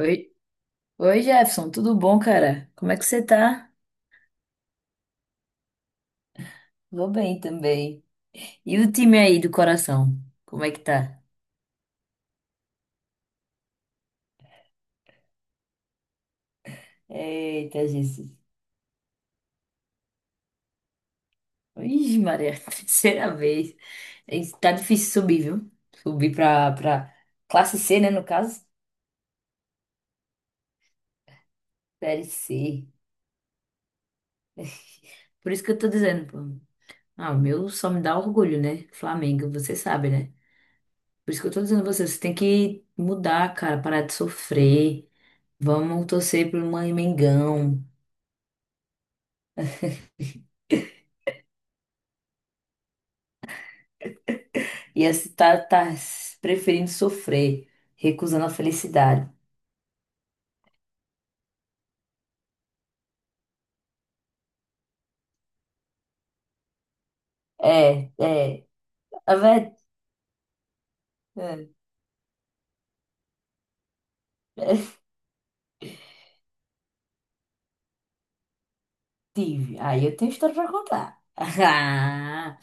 Oi, oi Jefferson, tudo bom, cara? Como é que você tá? Vou bem também. E o time aí do coração? Como é que tá? Eita, Jesus. Ixi, Maria, terceira vez. Ih, tá difícil subir, viu? Subir pra classe C, né, no caso? Série C. Por isso que eu tô dizendo, pô. Ah, o meu só me dá orgulho, né? Flamengo, você sabe, né? Por isso que eu tô dizendo a você, você tem que mudar, cara, parar de sofrer. Vamos torcer pro Mãe Mengão. E assim, tá preferindo sofrer, recusando a felicidade. É, é, a verdade. É, é, tive. Aí eu tenho história pra contar. Ah,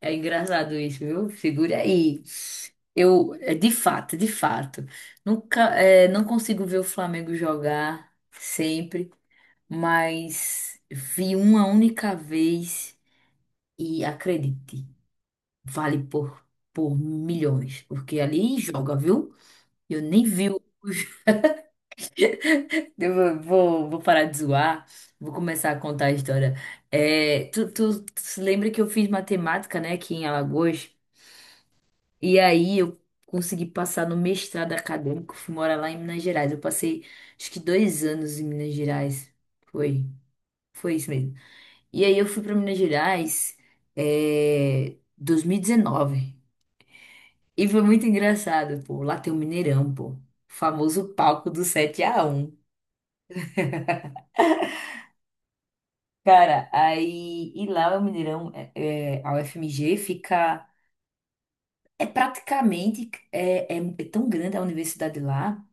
é engraçado isso, viu? Segure aí. Eu, de fato, nunca, não consigo ver o Flamengo jogar sempre, mas vi uma única vez e acredite, vale por milhões, porque ali joga, viu? Eu nem vi o. Eu vou parar de zoar, vou começar a contar a história. É, tu se lembra que eu fiz matemática, né, aqui em Alagoas? E aí eu consegui passar no mestrado acadêmico, fui morar lá em Minas Gerais. Eu passei acho que 2 anos em Minas Gerais. Foi, foi isso mesmo. E aí eu fui para Minas Gerais, 2019. E dezenove. E foi muito engraçado, pô. Lá tem o Mineirão, pô. O famoso palco do 7-1. Cara, aí, e lá o Mineirão, a UFMG fica, é praticamente, é tão grande a universidade lá,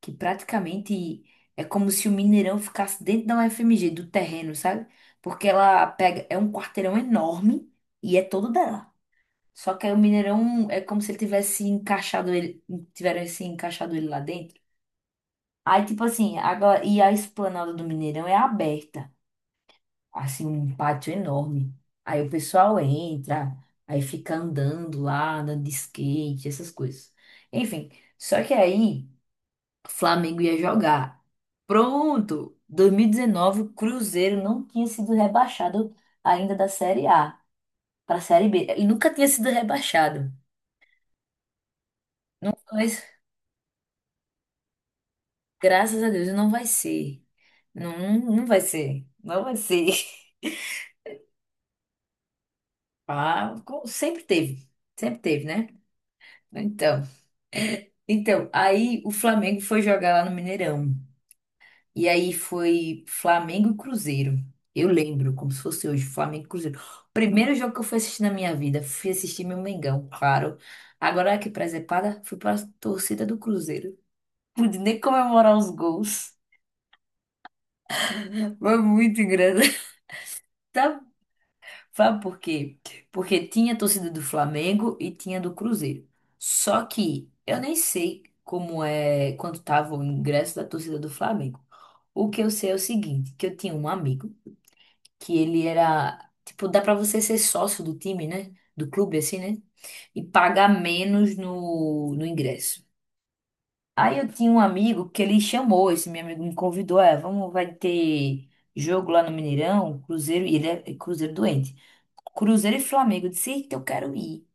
que praticamente é como se o Mineirão ficasse dentro da UFMG, do terreno, sabe? Porque ela pega, é um quarteirão enorme e é todo dela. Só que aí o Mineirão é como se ele tivesse encaixado ele, tivesse encaixado ele lá dentro. Aí, tipo assim, agora, e a esplanada do Mineirão é aberta. Assim, um pátio enorme. Aí o pessoal entra, aí fica andando lá, andando de skate, essas coisas. Enfim, só que aí o Flamengo ia jogar. Pronto! 2019, o Cruzeiro não tinha sido rebaixado ainda da Série A para a Série B. Ele nunca tinha sido rebaixado. Não foi, graças a Deus, não vai ser. Não, não vai ser. Não vai ser. Ah, sempre teve. Sempre teve, né? Então. Então, aí o Flamengo foi jogar lá no Mineirão. E aí foi Flamengo e Cruzeiro. Eu lembro, como se fosse hoje, Flamengo e Cruzeiro. Primeiro jogo que eu fui assistir na minha vida, fui assistir meu Mengão, claro. Agora que presepada, fui pra torcida do Cruzeiro. Pude nem comemorar os gols. Foi muito engraçado. Sabe por quê? Porque tinha a torcida do Flamengo e tinha do Cruzeiro. Só que eu nem sei como é quanto tava o ingresso da torcida do Flamengo. O que eu sei é o seguinte, que eu tinha um amigo que ele era, tipo, dá pra você ser sócio do time, né? Do clube assim, né? E pagar menos no ingresso. Aí eu tinha um amigo que ele chamou, esse meu amigo me convidou, vamos, vai ter jogo lá no Mineirão, Cruzeiro, e ele é Cruzeiro doente. Cruzeiro e Flamengo. Eu disse, eita, eu quero ir.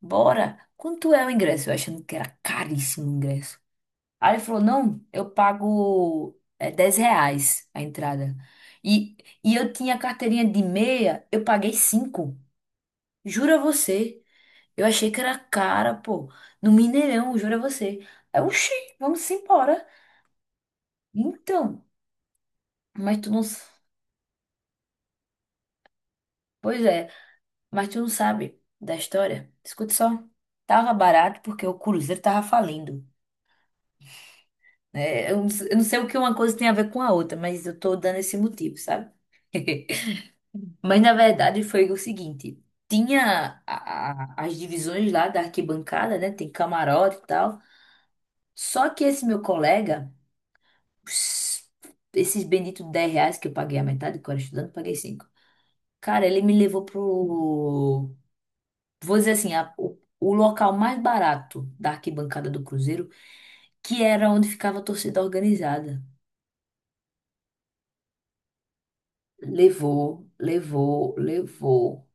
Bora. Quanto é o ingresso? Eu achando que era caríssimo o ingresso. Aí ele falou, não, eu pago R$ 10 a entrada. E, e eu tinha carteirinha de meia, eu paguei 5. Jura você. Eu achei que era cara, pô. No Mineirão, jura você. Aí, oxi, vamos embora. Então, mas tu não. Pois é, mas tu não sabe da história? Escuta só. Tava barato porque o Cruzeiro tava falindo. Né? Eu não sei o que uma coisa tem a ver com a outra, mas eu tô dando esse motivo, sabe? Mas na verdade foi o seguinte: tinha as divisões lá da arquibancada, né? Tem camarote e tal. Só que esse meu colega, ps- esses benditos R$ 10 que eu paguei a metade, que eu era estudante, paguei cinco. Cara, ele me levou pro vou dizer assim, o local mais barato da arquibancada do Cruzeiro, que era onde ficava a torcida organizada. Levou, levou, levou.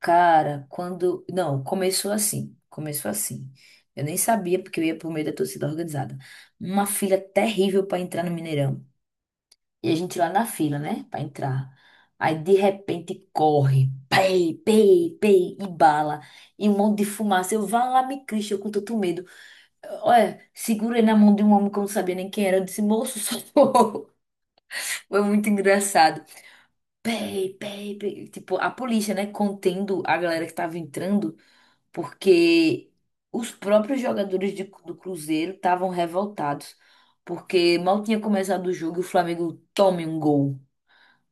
Cara, quando. Não, começou assim. Começou assim. Eu nem sabia porque eu ia por meio da torcida organizada. Uma fila terrível para entrar no Mineirão. E a gente lá na fila, né? Para entrar. Aí de repente corre. Pei, pei, pei, e bala. E um monte de fumaça. Eu vá lá, me Cristo, eu com tanto medo. Olha, segurei na mão de um homem que eu não sabia nem quem era. Eu disse, moço, socorro. Foi muito engraçado. Pei, pei, pei. Tipo, a polícia, né, contendo a galera que tava entrando, porque os próprios jogadores do Cruzeiro estavam revoltados. Porque mal tinha começado o jogo e o Flamengo tome um gol.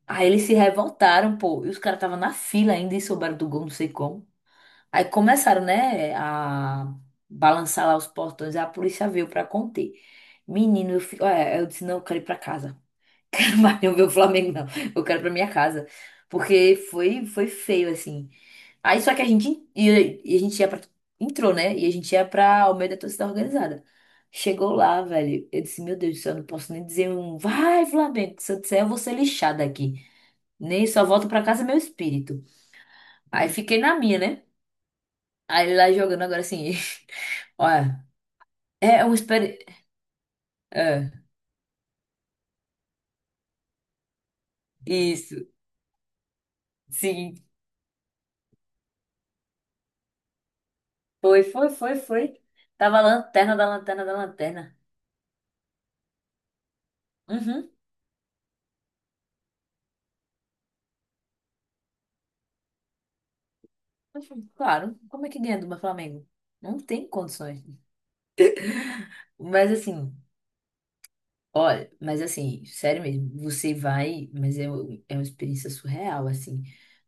Aí eles se revoltaram, pô. E os caras estavam na fila ainda e souberam do gol, não sei como. Aí começaram, né, a balançar lá os portões, aí a polícia veio pra conter. Menino, olha, eu disse, não, eu quero ir pra casa. Quero mais não ver o Flamengo, não. Eu quero ir pra minha casa. Porque foi feio, assim. Aí só que a gente ia, e a gente ia pra, entrou, né? E a gente ia pra Almeida da torcida organizada. Chegou lá, velho. Eu disse, meu Deus do céu, eu não posso nem dizer um vai, Flamengo, que se eu disser, eu vou ser lixada aqui. Nem só volto pra casa é meu espírito. Aí fiquei na minha, né? Aí lá jogando agora assim. Olha, é um experimento. Isso, sim. Foi, foi, foi, foi. Tava a lanterna da lanterna da lanterna. Uhum. Uhum, claro. Como é que ganha do Flamengo? Não tem condições. Mas assim, olha, mas assim, sério mesmo, você vai, mas é, é uma experiência surreal, assim,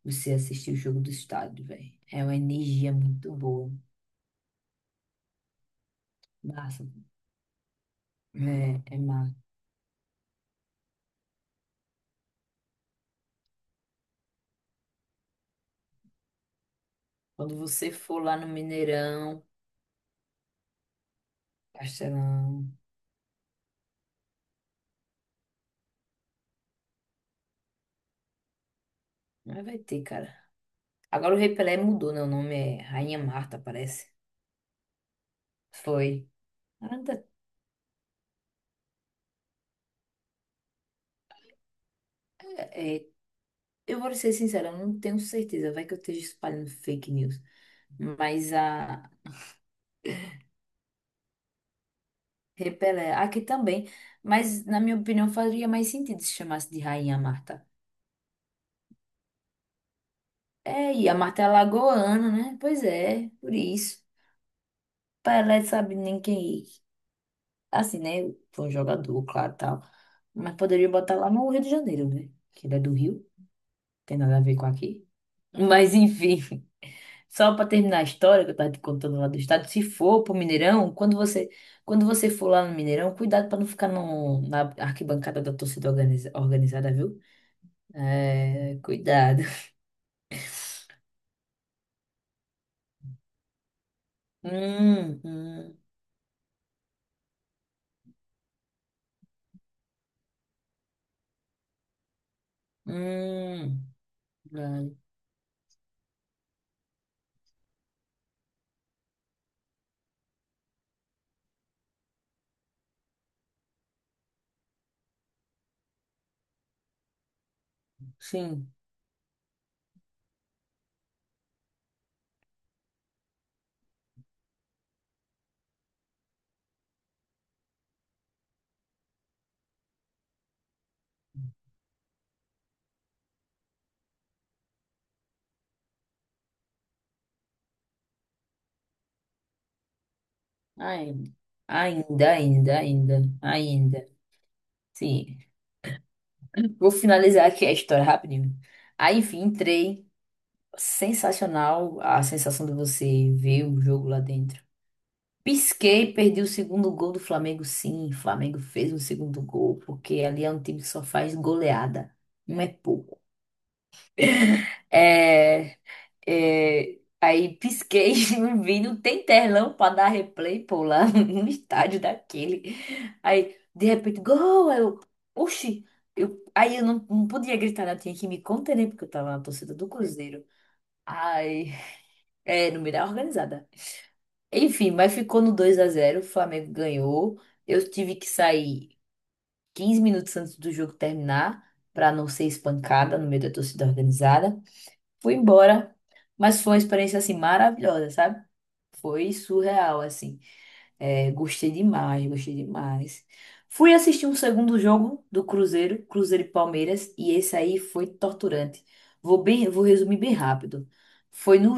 você assistir o jogo do estádio, velho. É uma energia muito boa. Massa. É, é massa. Quando você for lá no Mineirão, Castelão, não vai ter, cara. Agora o Rei Pelé mudou, né? O nome é Rainha Marta, parece. Foi. Ainda- é, eu vou ser sincera, eu não tenho certeza. Vai que eu esteja espalhando fake news. Mas a Rei Pelé, aqui também. Mas, na minha opinião, faria mais sentido se chamasse de Rainha Marta. É, e a Marta é lagoana, né? Pois é, por isso. Pelé sabe nem quem. Assim, né? Foi um jogador, claro, tal. Mas poderia botar lá no Rio de Janeiro, né? Que ele é do Rio, tem nada a ver com aqui. Mas enfim. Só para terminar a história que eu tava te contando lá do estado, se for pro Mineirão, quando você, for lá no Mineirão, cuidado para não ficar no, na arquibancada da torcida organizada, viu? É, cuidado. Hum, hum, hum, vale. Sim, ainda, ainda, ainda, ainda, ainda, sim. Vou finalizar aqui a história rapidinho. Aí, enfim, entrei. Sensacional a sensação de você ver o jogo lá dentro. Pisquei, perdi o segundo gol do Flamengo, sim. O Flamengo fez um segundo gol, porque ali é um time que só faz goleada. Não é pouco. É, é, aí pisquei, não vi, não tem telão pra dar replay, pô, lá no estádio daquele. Aí, de repente, gol! Aí eu, oxi! Eu, aí eu não podia gritar, né? Eu tinha que me conter, né? Porque eu tava na torcida do Cruzeiro. Ai, é, não me dá organizada. Enfim, mas ficou no 2-0 o Flamengo ganhou. Eu tive que sair 15 minutos antes do jogo terminar para não ser espancada no meio da torcida organizada. Fui embora, mas foi uma experiência assim maravilhosa, sabe? Foi surreal assim. É, gostei demais, gostei demais. Fui assistir um segundo jogo do Cruzeiro, Cruzeiro e Palmeiras, e esse aí foi torturante. Vou bem, vou resumir bem rápido. Foi no,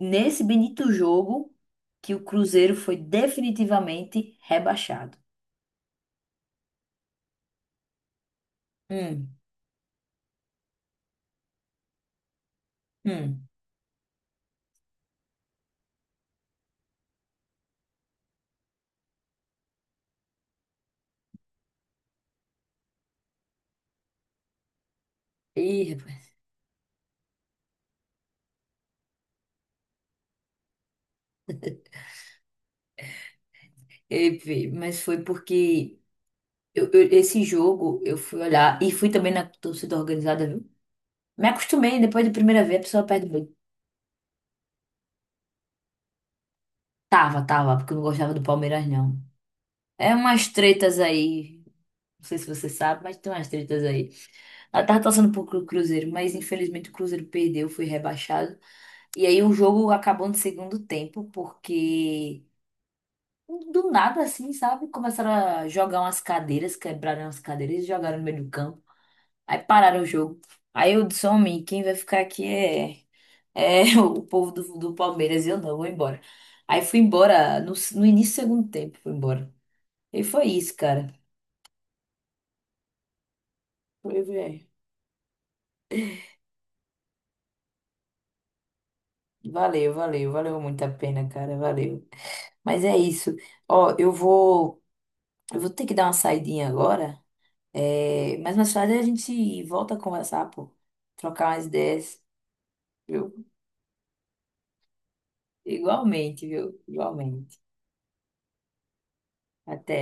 nesse bonito jogo que o Cruzeiro foi definitivamente rebaixado. Hum, hum. Ih, rapaz. Ei, fi, mas foi porque esse jogo eu fui olhar e fui também na torcida organizada, viu? Me acostumei, depois da primeira vez a pessoa perde muito. Tava, porque eu não gostava do Palmeiras, não. É umas tretas aí. Não sei se você sabe, mas tem umas tretas aí. Ela tava torcendo pro Cruzeiro, mas infelizmente o Cruzeiro perdeu, foi rebaixado. E aí o jogo acabou no segundo tempo, porque do nada, assim, sabe? Começaram a jogar umas cadeiras, quebraram as cadeiras e jogaram no meio do campo. Aí pararam o jogo. Aí eu disse, homem, quem vai ficar aqui é, o povo do Palmeiras. E eu não, vou embora. Aí fui embora no início do segundo tempo, fui embora. E foi isso, cara. Foi, é. Valeu, valeu, valeu muito a pena, cara, valeu. Mas é isso. Ó, eu vou ter que dar uma saidinha agora. É, mas mais tarde a gente volta a conversar, pô. Trocar umas ideias, viu? Igualmente, viu? Igualmente. Até.